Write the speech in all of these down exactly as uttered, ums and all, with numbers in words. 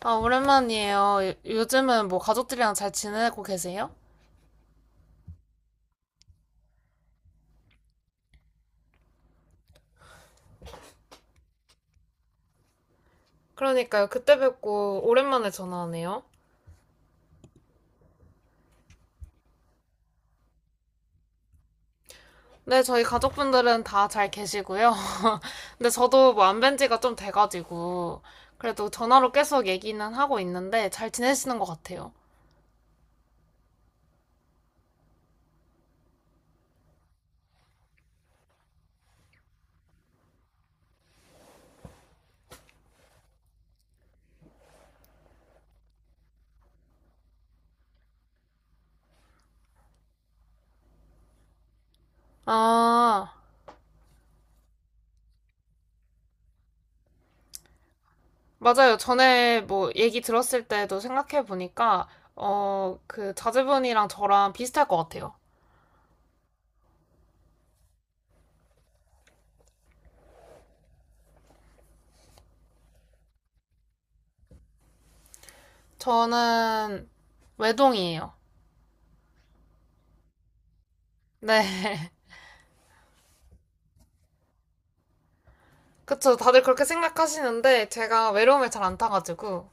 아, 오랜만이에요. 요- 요즘은 뭐 가족들이랑 잘 지내고 계세요? 그러니까요. 그때 뵙고 오랜만에 전화하네요. 네, 저희 가족분들은 다 잘 계시고요. 근데 저도 뭐 안 뵌 지가 좀 돼가지고, 그래도 전화로 계속 얘기는 하고 있는데 잘 지내시는 것 같아요. 아, 맞아요. 전에 뭐 얘기 들었을 때도 생각해보니까, 어, 그 자제분이랑 저랑 비슷할 것 같아요. 저는 외동이에요. 네. 그쵸. 다들 그렇게 생각하시는데 제가 외로움에 잘 안 타가지고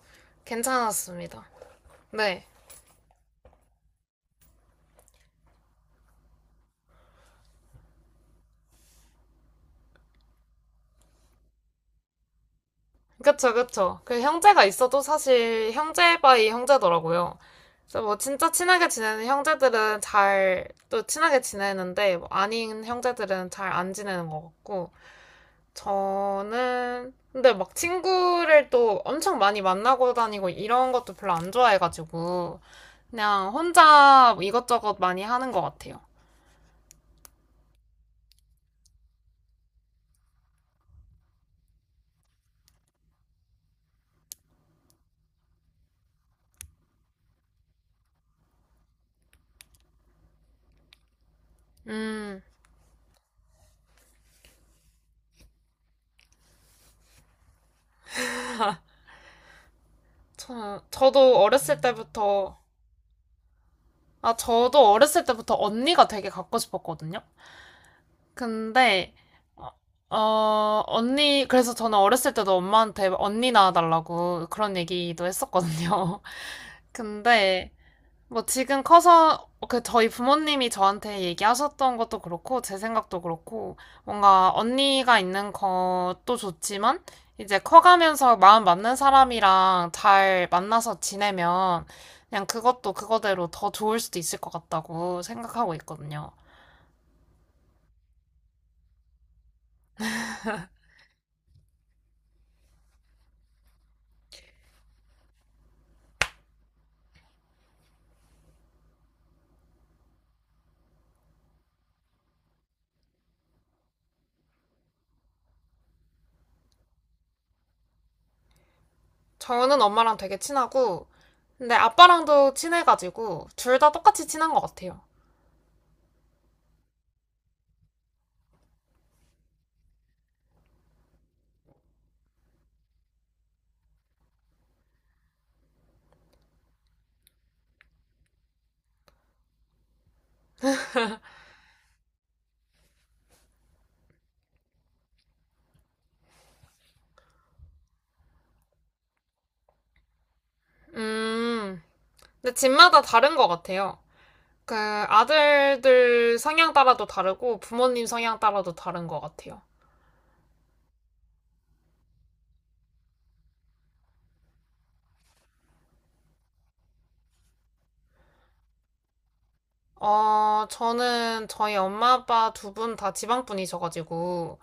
괜찮았습니다. 네. 그쵸, 그쵸. 그 형제가 있어도 사실 형제 바이 형제더라고요. 그래서 뭐 진짜 친하게 지내는 형제들은 잘 또 친하게 지내는데 뭐 아닌 형제들은 잘 안 지내는 것 같고 저는 근데 막 친구를 또 엄청 많이 만나고 다니고 이런 것도 별로 안 좋아해가지고 그냥 혼자 뭐 이것저것 많이 하는 것 같아요. 음. 저, 저도 어렸을 때부터, 아, 저도 어렸을 때부터 언니가 되게 갖고 싶었거든요. 근데, 어, 어, 언니, 그래서 저는 어렸을 때도 엄마한테 언니 낳아달라고 그런 얘기도 했었거든요. 근데, 뭐 지금 커서 그 저희 부모님이 저한테 얘기하셨던 것도 그렇고 제 생각도 그렇고 뭔가 언니가 있는 것도 좋지만 이제 커가면서 마음 맞는 사람이랑 잘 만나서 지내면 그냥 그것도 그거대로 더 좋을 수도 있을 것 같다고 생각하고 있거든요. 저는 엄마랑 되게 친하고 근데 아빠랑도 친해가지고 둘 다 똑같이 친한 것 같아요. 음, 근데 집마다 다른 것 같아요. 그 아들들 성향 따라도 다르고 부모님 성향 따라도 다른 것 같아요. 어, 저는 저희 엄마 아빠 두 분 다 지방 분이셔가지고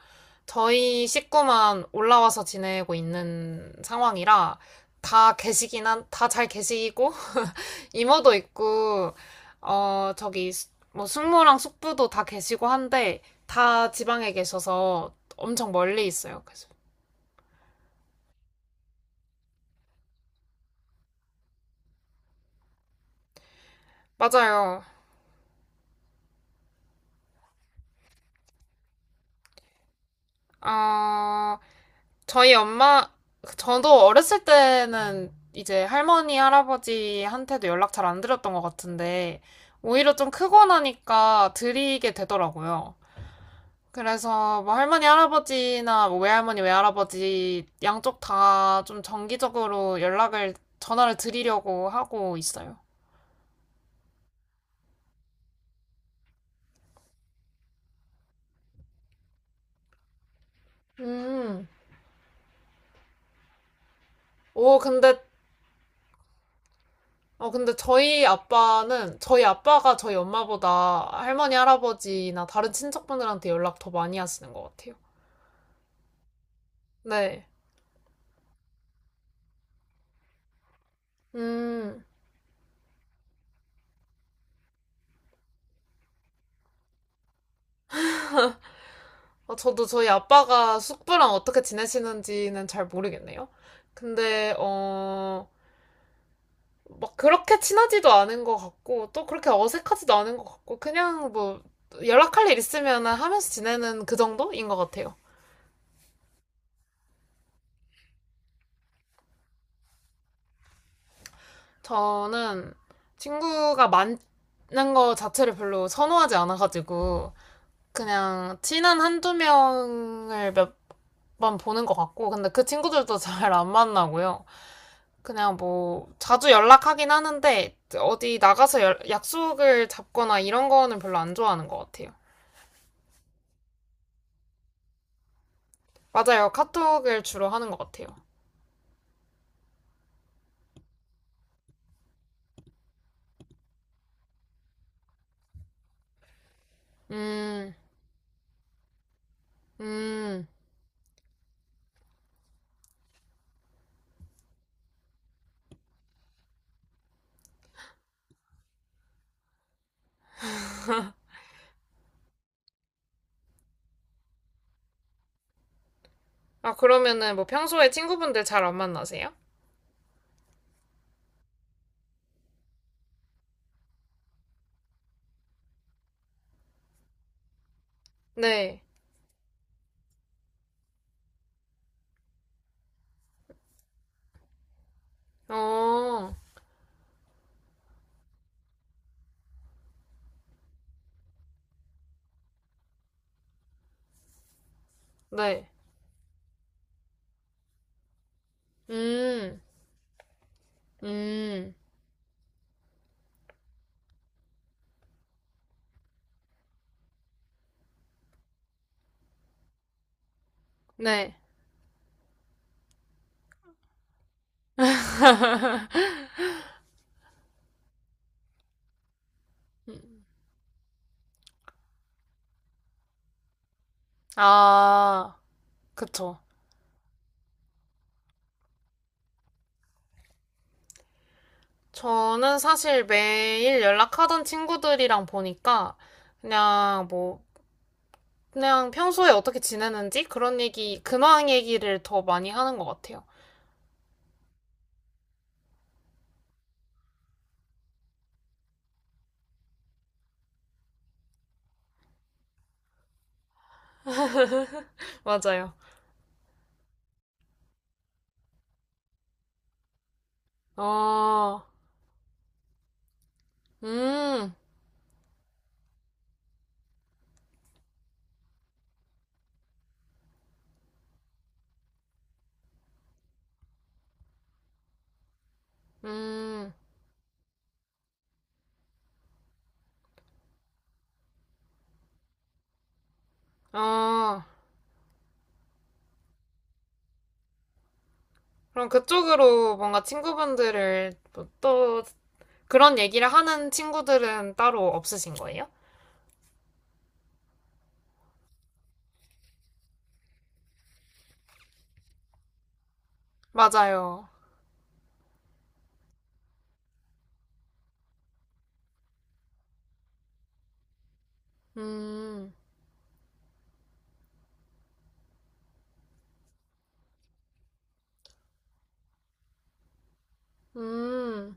저희 식구만 올라와서 지내고 있는 상황이라 다 계시긴 한, 다 잘 계시고 이모도 있고 어, 저기 뭐 숙모랑 숙부도 다 계시고 한데 다 지방에 계셔서 엄청 멀리 있어요. 그래서 맞아요. 어, 저희 엄마, 저도 어렸을 때는 이제 할머니, 할아버지한테도 연락 잘 안 드렸던 것 같은데, 오히려 좀 크고 나니까 드리게 되더라고요. 그래서 뭐 할머니, 할아버지나 뭐 외할머니, 외할아버지 양쪽 다 좀 정기적으로 연락을, 전화를 드리려고 하고 있어요. 음. 오, 근데, 어, 근데 저희 아빠는, 저희 아빠가 저희 엄마보다 할머니, 할아버지나 다른 친척분들한테 연락 더 많이 하시는 것 같아요. 네. 음, 어, 저도 저희 아빠가 숙부랑 어떻게 지내시는지는 잘 모르겠네요. 근데, 어, 막 그렇게 친하지도 않은 것 같고, 또 그렇게 어색하지도 않은 것 같고, 그냥 뭐, 연락할 일 있으면 하면서 지내는 그 정도인 것 같아요. 저는 친구가 많은 거 자체를 별로 선호하지 않아가지고, 그냥 친한 한 두 명을 몇 번 보는 것 같고, 근데 그 친구들도 잘 안 만나고요. 그냥 뭐 자주 연락하긴 하는데 어디 나가서 열- 약속을 잡거나 이런 거는 별로 안 좋아하는 것 같아요. 맞아요. 카톡을 주로 하는 것 같아요. 음, 음. 아, 그러면은 뭐 평소에 친구분들 잘 안 만나세요? 네. 어, 네. 음, 음. 네. 아, 그쵸. 저는 사실 매일 연락하던 친구들이랑 보니까 그냥 뭐 그냥 평소에 어떻게 지내는지 그런 얘기, 근황 얘기를 더 많이 하는 것 같아요. 맞아요. 어, 음, 음, 어. 그럼 그쪽으로 뭔가 친구분들을 뭐또 그런 얘기를 하는 친구들은 따로 없으신 거예요? 맞아요. 음, 음,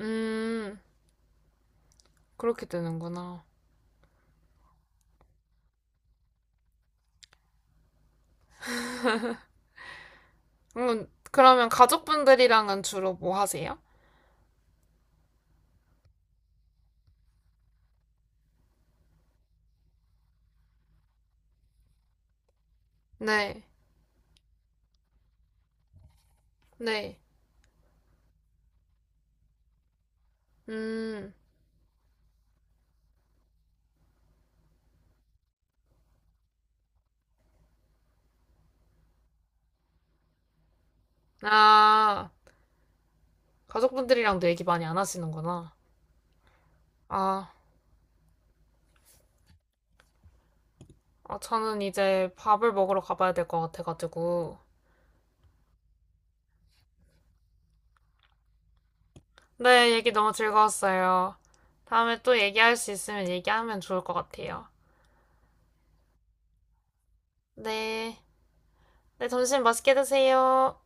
음. 그렇게 되는구나. 음, 그러면 가족분들이랑은 주로 뭐 하세요? 네, 네, 음. 아. 가족분들이랑도 얘기 많이 안 하시는구나. 아, 아, 저는 이제 밥을 먹으러 가봐야 될 것 같아가지고. 네, 얘기 너무 즐거웠어요. 다음에 또 얘기할 수 있으면 얘기하면 좋을 것 같아요. 네. 네, 점심 맛있게 드세요.